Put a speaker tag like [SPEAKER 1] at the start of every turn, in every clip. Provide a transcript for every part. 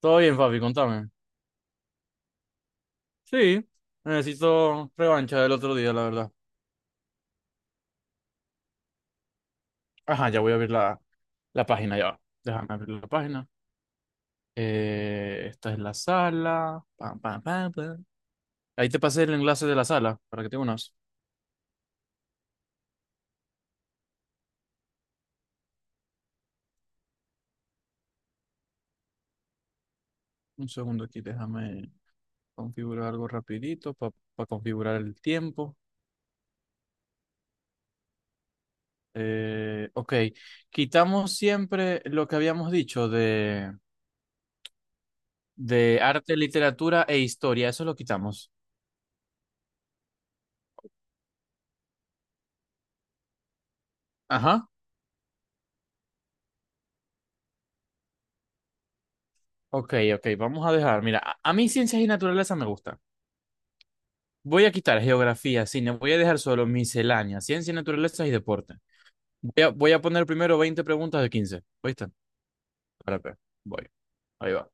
[SPEAKER 1] Todo bien, papi, contame. Sí, necesito revancha del otro día, la verdad. Ajá, ya voy a abrir la página, ya. Va. Déjame abrir la página. Esta es la sala. Pam, pam, pam, pam. Ahí te pasé el enlace de la sala para que te unas. Un segundo aquí, déjame configurar algo rapidito para configurar el tiempo. Ok, quitamos siempre lo que habíamos dicho de arte, literatura e historia. Eso lo quitamos. Ajá. Ok, ok, vamos a dejar. Mira, a mí ciencias y naturaleza me gusta. Voy a quitar geografía, cine, voy a dejar solo miscelánea, ciencias y naturaleza y deporte. Voy a poner primero 20 preguntas de 15. ¿Viste? Espérate, voy. Ahí va.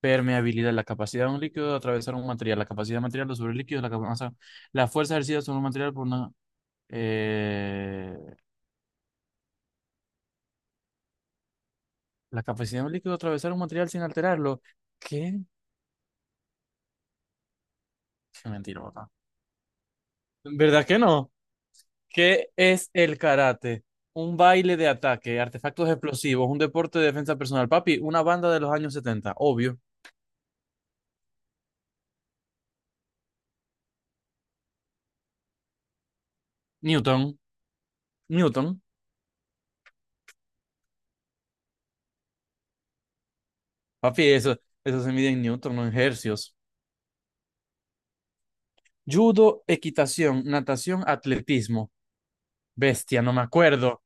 [SPEAKER 1] Permeabilidad, la capacidad de un líquido de atravesar un material, la capacidad material sobre el líquido, o sea, la fuerza ejercida sobre un material por una, eh, la capacidad de un líquido de atravesar un material sin alterarlo. ¿Qué? Qué mentira, papá. ¿Verdad que no? ¿Qué es el karate? Un baile de ataque, artefactos explosivos, un deporte de defensa personal. Papi, una banda de los años 70, obvio. Newton, Newton. Papi, eso se mide en Newton, no en hercios. Judo, equitación, natación, atletismo. Bestia, no me acuerdo.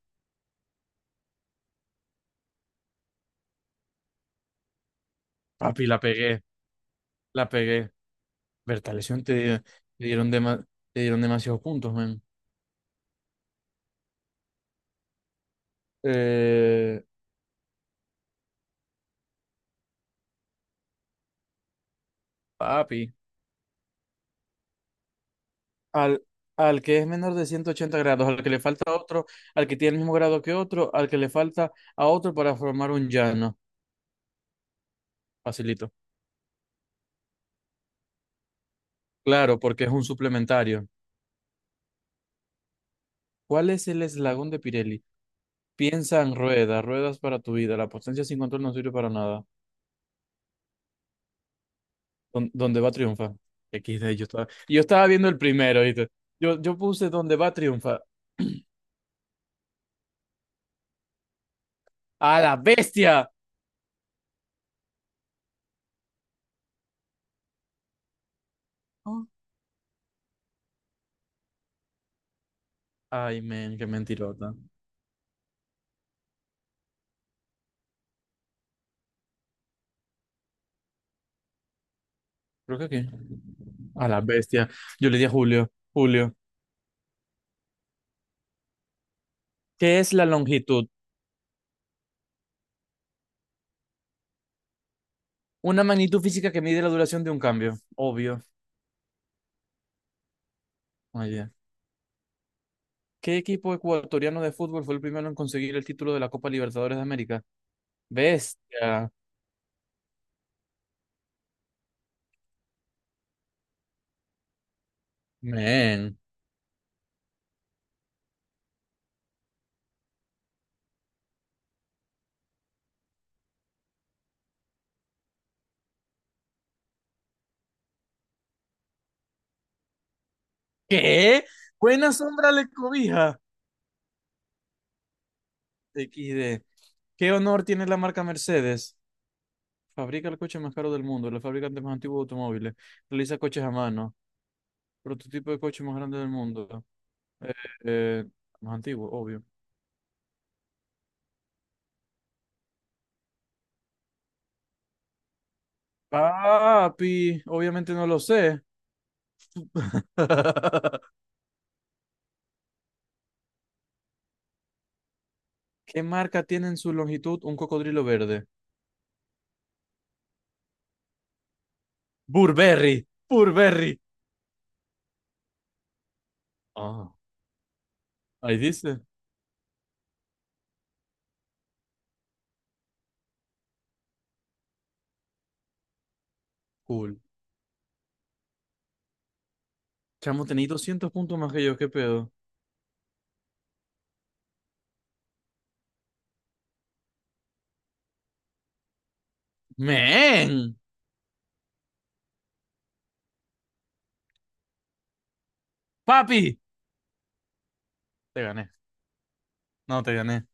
[SPEAKER 1] Papi, la pegué, la pegué. Berta, lesión te dieron demasiados puntos, man. Eh, papi. al, al que es menor de 180 grados, al que le falta otro, al que tiene el mismo grado que otro, al que le falta a otro para formar un llano. Facilito. Claro, porque es un suplementario. ¿Cuál es el eslabón de Pirelli? Piensa en ruedas, ruedas para tu vida. La potencia sin control no sirve para nada. ¿Donde va triunfa? XD, yo estaba viendo el primero, ¿viste? Yo puse donde va triunfa. ¡A la bestia! Oh. Ay, men, qué mentirota. Creo que aquí. A la bestia. Yo le di a Julio. Julio. ¿Qué es la longitud? Una magnitud física que mide la duración de un cambio. Obvio. Muy. ¿Qué equipo ecuatoriano de fútbol fue el primero en conseguir el título de la Copa Libertadores de América? Bestia. Men. ¿Qué? Buena sombra le cobija. XD. ¿Qué honor tiene la marca Mercedes? Fabrica el coche más caro del mundo, el fabricante más antiguo de automóviles, realiza coches a mano, prototipo de coche más grande del mundo. Eh, eh, más antiguo, obvio. Papi, obviamente no lo sé. ¿Qué marca tiene en su longitud un cocodrilo verde? Burberry, Burberry. Ah, ahí dice. Cool. Chamo, tenéis 200 puntos más que yo, ¿qué pedo? ¡Men! ¡Papi! Te gané. No, te gané.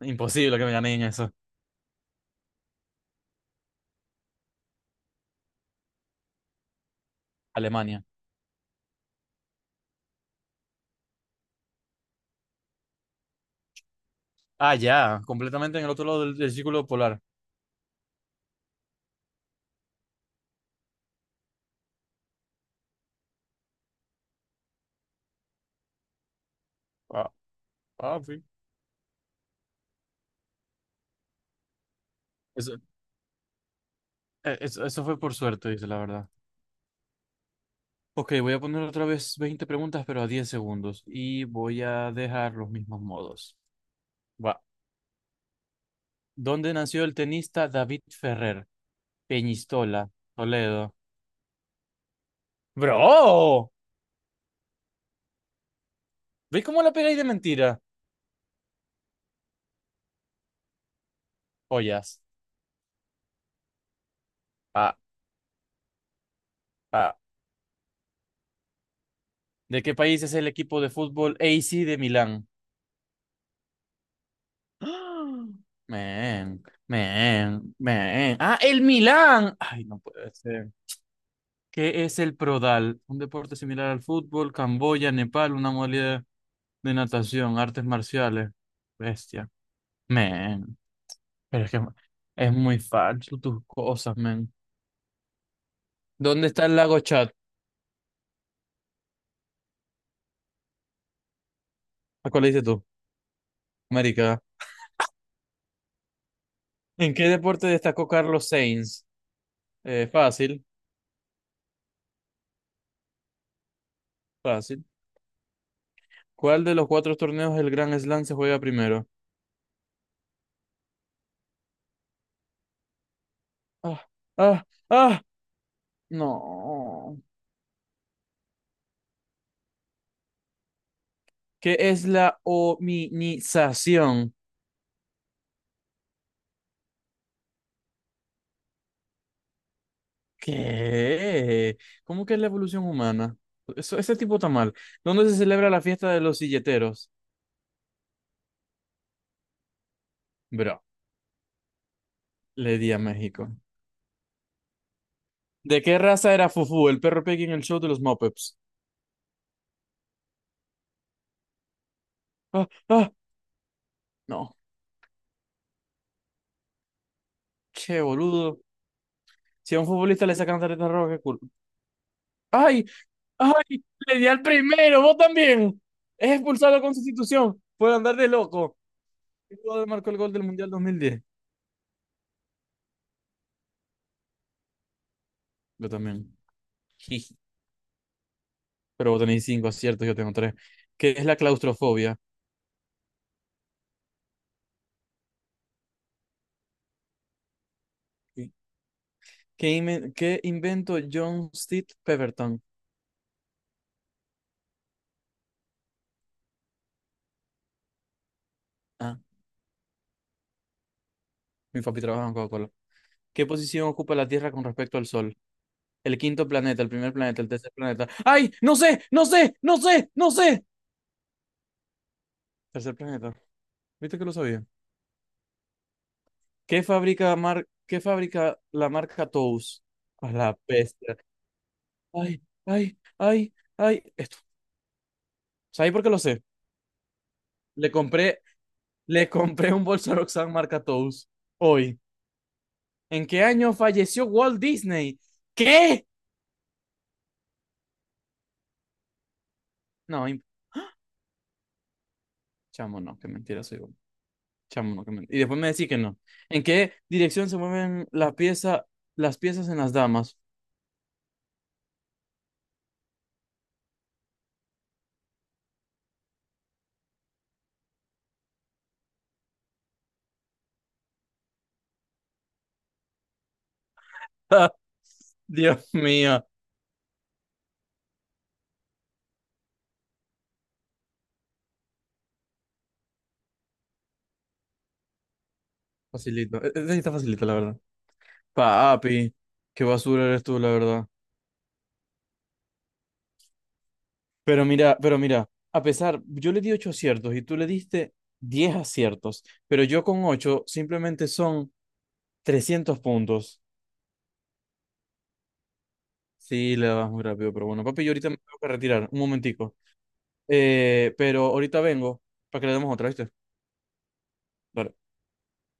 [SPEAKER 1] Imposible que me gané en eso. Alemania. Ah, ya, completamente en el otro lado del círculo polar. Ah, papi. Eso, eso fue por suerte, dice la verdad. Ok, voy a poner otra vez 20 preguntas, pero a 10 segundos. Y voy a dejar los mismos modos. Va. ¿Dónde nació el tenista David Ferrer? Peñistola, Toledo. ¡Bro! ¿Veis cómo la pegáis de mentira? Ollas. Ah, ah. ¿De qué país es el equipo de fútbol AC de Milán? Men, men, men. Ah, el Milán. Ay, no puede ser. ¿Qué es el Prodal? Un deporte similar al fútbol, Camboya, Nepal, una modalidad de natación, artes marciales. Bestia. Men, pero es que es muy falso tus cosas, men. ¿Dónde está el lago Chad? ¿A cuál le dices tú? América. ¿En qué deporte destacó Carlos Sainz? Fácil, fácil. ¿Cuál de los cuatro torneos del Grand Slam se juega primero? Ah, ah, ah, no. ¿Qué es la hominización? ¿Qué? ¿Cómo que es la evolución humana? Eso, ese tipo está mal. ¿Dónde se celebra la fiesta de los silleteros? Bro, le di a México. ¿De qué raza era Fufu, el perro Piggy en el show de los Muppets? Ah, ah, no. Che, boludo. Si a un futbolista le sacan tarjeta roja, qué culpa. ¡Ay! ¡Ay! Le di al primero, vos también. Es expulsado con sustitución por andar de loco. El jugador marcó el gol del Mundial 2010. Yo también. Jiji. Pero vos tenéis cinco aciertos, yo tengo tres. ¿Qué es la claustrofobia? ¿Qué inventó John Steve Pemberton? Ah, mi papi trabaja en Coca-Cola. ¿Qué posición ocupa la Tierra con respecto al Sol? El quinto planeta, el primer planeta, el tercer planeta. ¡Ay! ¡No sé! ¡No sé! ¡No sé! ¡No sé! Tercer planeta. ¿Viste que lo sabía? ¿Qué fabrica la marca Tous? A la bestia. ¡Ay! ¡Ay! ¡Ay! ¡Ay! Esto. ¿Sabéis por qué lo sé? Le compré, le compré un bolso a Roxanne marca Tous hoy. ¿En qué año falleció Walt Disney? ¿Qué? No, chamo, no, qué mentira soy. Chamo, no. Y después me decís que no. ¿En qué dirección se mueven la pieza, las piezas en las damas? Dios mío. Facilito. Está facilito, la verdad. Papi, qué basura eres tú, la verdad. Pero mira, a pesar, yo le di ocho aciertos y tú le diste 10 aciertos, pero yo con ocho simplemente son 300 puntos. Sí, le vas muy rápido, pero bueno, papi, yo ahorita me tengo que retirar, un momentico. Pero ahorita vengo para que le demos otra, ¿viste?